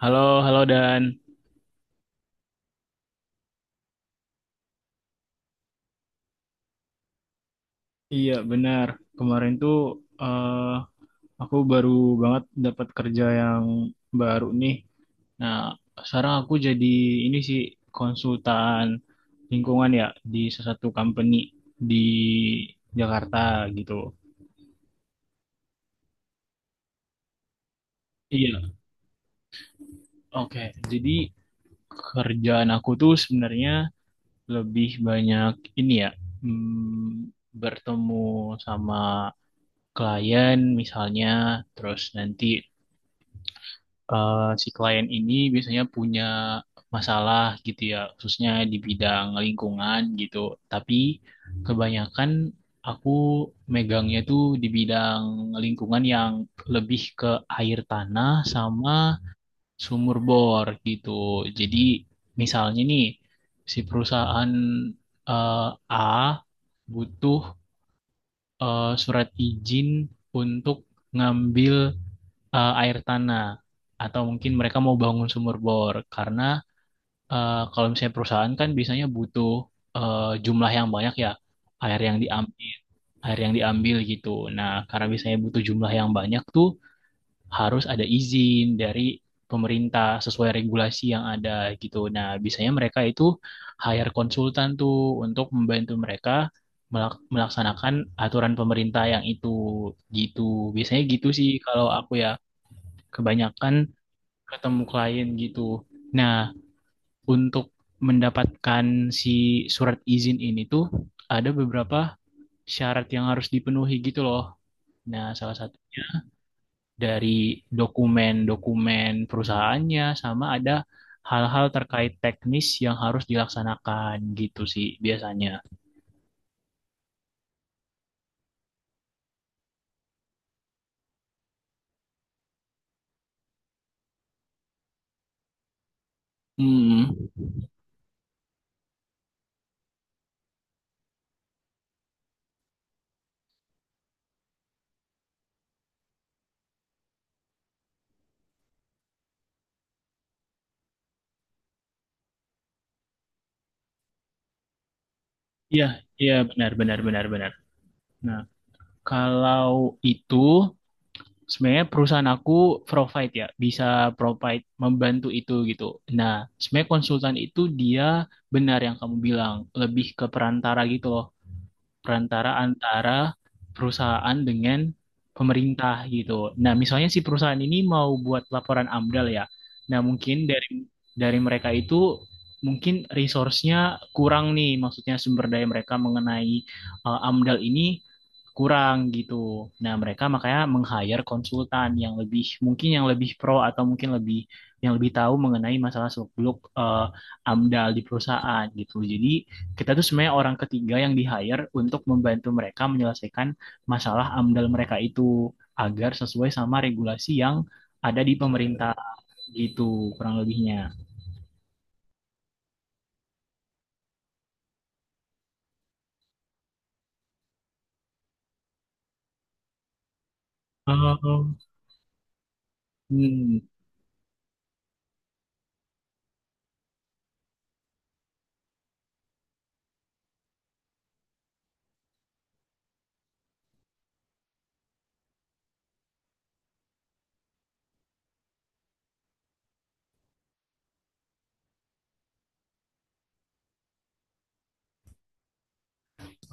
Halo, halo Dan. Iya, benar. Kemarin tuh eh, aku baru banget dapat kerja yang baru nih. Nah, sekarang aku jadi ini sih konsultan lingkungan ya di salah satu company di Jakarta gitu. Iya, oke. Jadi kerjaan aku tuh sebenarnya lebih banyak ini ya, hmm, bertemu sama klien misalnya, terus nanti si klien ini biasanya punya masalah gitu ya, khususnya di bidang lingkungan gitu. Tapi kebanyakan aku megangnya tuh di bidang lingkungan yang lebih ke air tanah sama sumur bor gitu. Jadi misalnya nih si perusahaan eh, A butuh surat izin untuk ngambil air tanah atau mungkin mereka mau bangun sumur bor karena kalau misalnya perusahaan kan biasanya butuh jumlah yang banyak ya air yang diambil air yang diambil gitu. Nah, karena biasanya butuh jumlah yang banyak tuh harus ada izin dari pemerintah sesuai regulasi yang ada gitu. Nah, biasanya mereka itu hire konsultan tuh untuk membantu mereka melaksanakan aturan pemerintah yang itu gitu. Biasanya gitu sih kalau aku ya kebanyakan ketemu klien gitu. Nah, untuk mendapatkan si surat izin ini tuh ada beberapa syarat yang harus dipenuhi gitu loh. Nah, salah satunya dari dokumen-dokumen perusahaannya sama ada hal-hal terkait teknis yang harus dilaksanakan gitu sih biasanya. Hmm. Iya, iya benar benar benar benar. Nah, kalau itu sebenarnya perusahaan aku provide ya, bisa provide membantu itu gitu. Nah, sebenarnya konsultan itu dia benar yang kamu bilang, lebih ke perantara gitu loh perantara antara perusahaan dengan pemerintah gitu. Nah, misalnya si perusahaan ini mau buat laporan AMDAL ya. Nah, mungkin dari mereka itu mungkin resource-nya kurang nih, maksudnya sumber daya mereka mengenai AMDAL ini kurang gitu. Nah, mereka makanya meng-hire konsultan yang lebih mungkin yang lebih pro atau mungkin lebih yang lebih tahu mengenai masalah seluk-beluk AMDAL di perusahaan gitu. Jadi kita tuh sebenarnya orang ketiga yang di-hire untuk membantu mereka menyelesaikan masalah AMDAL mereka itu agar sesuai sama regulasi yang ada di pemerintah gitu kurang lebihnya. Eh, hmm,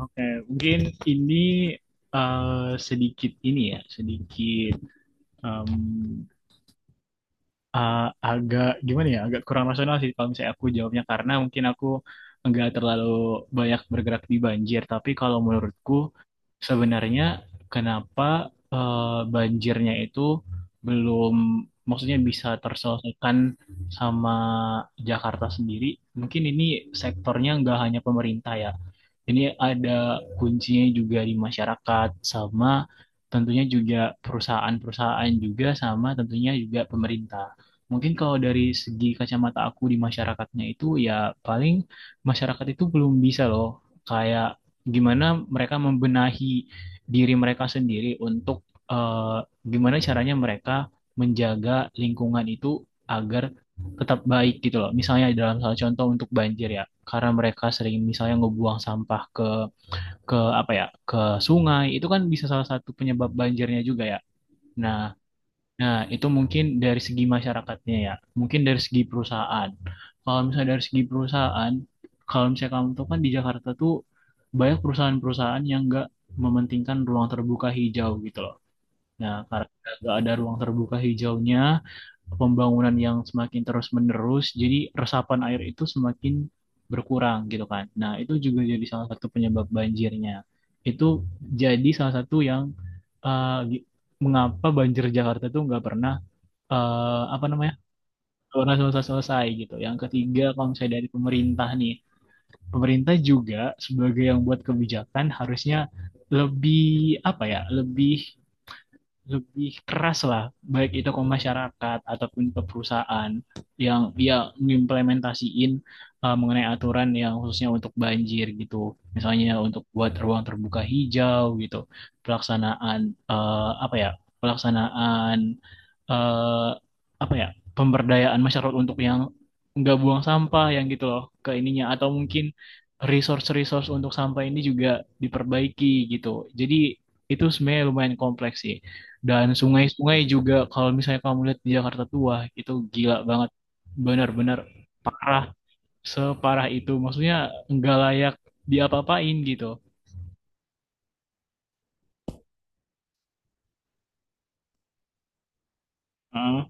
oke. Mungkin ini sedikit ini ya, sedikit ah, agak gimana ya, agak kurang rasional sih kalau misalnya aku jawabnya karena mungkin aku nggak terlalu banyak bergerak di banjir. Tapi kalau menurutku sebenarnya kenapa banjirnya itu belum maksudnya bisa terselesaikan sama Jakarta sendiri? Mungkin ini sektornya nggak hanya pemerintah ya, ini ada kuncinya juga di masyarakat sama tentunya juga perusahaan-perusahaan juga sama tentunya juga pemerintah. Mungkin kalau dari segi kacamata aku di masyarakatnya itu ya paling masyarakat itu belum bisa loh kayak gimana mereka membenahi diri mereka sendiri untuk eh, gimana caranya mereka menjaga lingkungan itu agar tetap baik gitu loh. Misalnya dalam salah contoh untuk banjir ya, karena mereka sering misalnya ngebuang sampah ke apa ya, ke sungai, itu kan bisa salah satu penyebab banjirnya juga ya. Nah, nah, itu mungkin dari segi masyarakatnya ya, mungkin dari segi perusahaan. Kalau misalnya dari segi perusahaan, kalau misalnya kamu tahu kan di Jakarta tuh banyak perusahaan-perusahaan yang nggak mementingkan ruang terbuka hijau gitu loh. Nah, karena nggak ada ruang terbuka hijaunya, pembangunan yang semakin terus-menerus, jadi resapan air itu semakin berkurang gitu kan. Nah, itu juga jadi salah satu penyebab banjirnya. Itu jadi salah satu yang eh, gi- mengapa banjir Jakarta tuh nggak pernah apa namanya pernah selesai-selesai gitu. Yang ketiga, kalau misalnya dari pemerintah nih, pemerintah juga sebagai yang buat kebijakan harusnya lebih apa ya, lebih lebih keras lah, baik itu ke masyarakat ataupun ke perusahaan yang dia mengimplementasiin mengenai aturan yang khususnya untuk banjir gitu. Misalnya untuk buat ruang terbuka hijau gitu, pelaksanaan uh, apa ya, pelaksanaan eh, apa ya pemberdayaan masyarakat untuk yang nggak buang sampah yang gitu loh ke ininya atau mungkin resource-resource untuk sampah ini juga diperbaiki gitu. Jadi itu sebenarnya lumayan kompleks sih. Dan sungai-sungai juga kalau misalnya kamu lihat di Jakarta tua itu gila banget. Benar-benar parah, separah itu. Maksudnya nggak layak diapa-apain gitu. Heeh.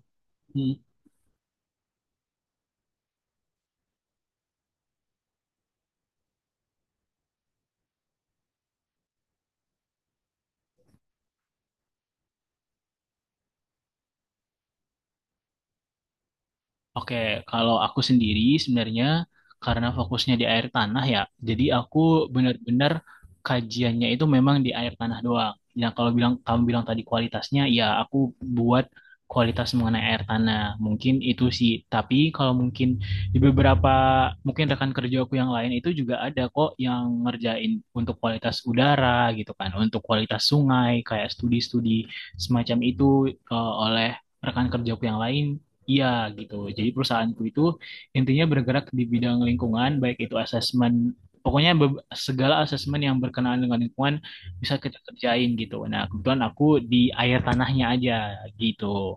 Oke, kalau aku sendiri sebenarnya karena fokusnya di air tanah ya, jadi aku benar-benar kajiannya itu memang di air tanah doang. Nah, kalau kamu bilang tadi kualitasnya, ya aku buat kualitas mengenai air tanah. Mungkin itu sih, tapi kalau mungkin di beberapa mungkin rekan kerja aku yang lain itu juga ada kok yang ngerjain untuk kualitas udara gitu kan, untuk kualitas sungai kayak studi-studi semacam itu oleh rekan kerjaku yang lain. Iya gitu. Jadi perusahaanku itu intinya bergerak di bidang lingkungan, baik itu asesmen, pokoknya segala asesmen yang berkenaan dengan lingkungan bisa kita kerjain gitu. Nah, kebetulan aku di air tanahnya aja gitu.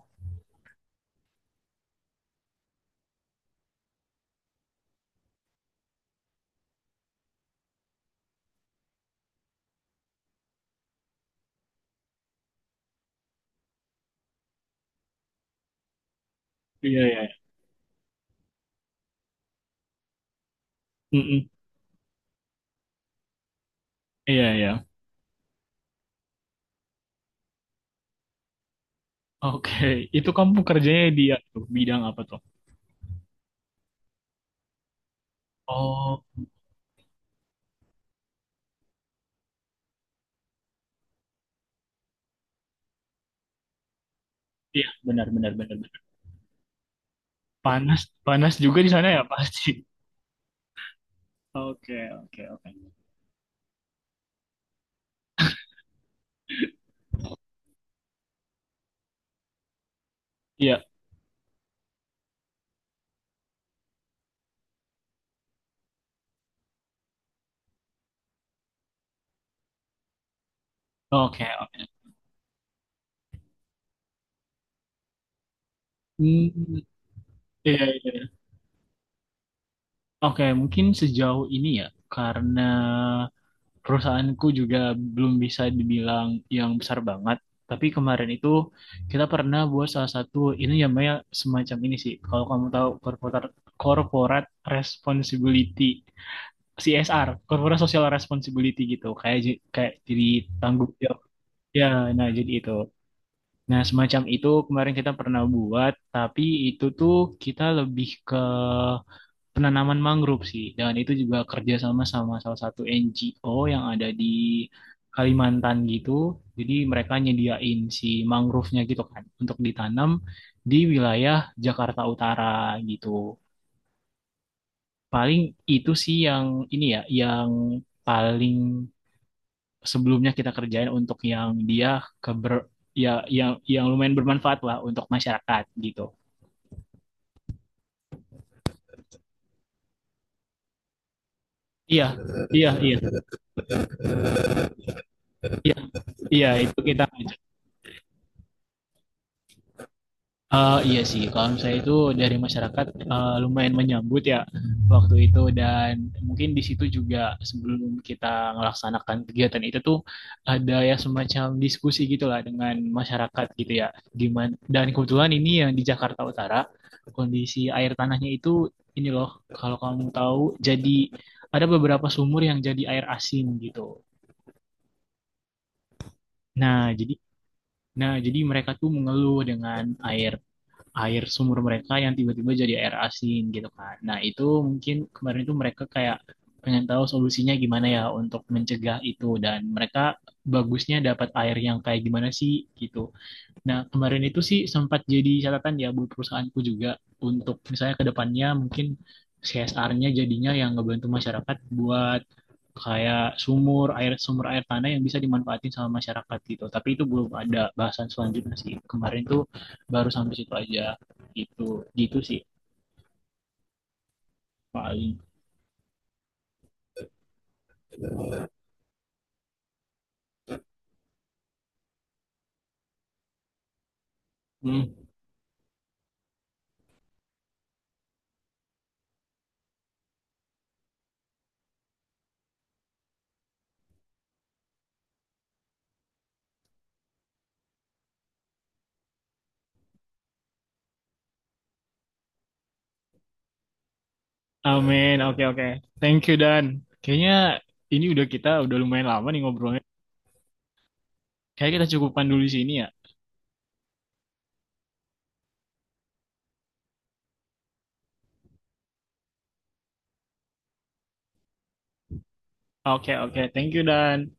Iya, iya. Mm-mm. Iya, iya. Oke, itu kamu kerjanya di ya, tuh, bidang apa tuh? Oh, iya, benar. Panas, panas juga di sana ya pasti. Oke, oke. Iya, oke. Hmm, iya, iya. Oke, mungkin sejauh ini ya, karena perusahaanku juga belum bisa dibilang yang besar banget. Tapi kemarin itu kita pernah buat salah satu ini namanya semacam ini sih. Kalau kamu tahu corporate corporate responsibility CSR, corporate social responsibility gitu. Kayak jadi tanggung jawab. Ya, nah jadi itu. Nah, semacam itu kemarin kita pernah buat, tapi itu tuh kita lebih ke penanaman mangrove sih. Dan itu juga kerja sama sama salah satu NGO yang ada di Kalimantan gitu. Jadi mereka nyediain si mangrove-nya gitu kan untuk ditanam di wilayah Jakarta Utara gitu. Paling itu sih yang ini ya, yang paling sebelumnya kita kerjain untuk yang dia keber ya yang lumayan bermanfaat lah untuk masyarakat gitu. Iya, iya, iya, iya, iya, itu kita. Iya sih, kalau misalnya itu dari masyarakat lumayan menyambut ya waktu itu dan mungkin di situ juga sebelum kita melaksanakan kegiatan itu tuh ada ya semacam diskusi gitulah dengan masyarakat gitu ya. Gimana? Dan kebetulan ini yang di Jakarta Utara kondisi air tanahnya itu ini loh kalau kamu tahu jadi ada beberapa sumur yang jadi air asin gitu. Nah, jadi Nah, jadi mereka tuh mengeluh dengan air air sumur mereka yang tiba-tiba jadi air asin gitu kan. Nah, itu mungkin kemarin itu mereka kayak pengen tahu solusinya gimana ya untuk mencegah itu dan mereka bagusnya dapat air yang kayak gimana sih gitu. Nah, kemarin itu sih sempat jadi catatan ya buat perusahaanku juga untuk misalnya ke depannya mungkin CSR-nya jadinya yang ngebantu masyarakat buat kayak sumur air sumber air tanah yang bisa dimanfaatin sama masyarakat gitu. Tapi itu belum ada bahasan selanjutnya sih. Kemarin tuh baru sampai situ aja gitu. Gitu sih paling. Hmm. Amin. Oke, oke. Thank you, Dan. Kayaknya ini udah kita udah lumayan lama nih ngobrolnya. Kayaknya kita cukupkan dulu di sini ya. Oke, oke. Thank you, Dan.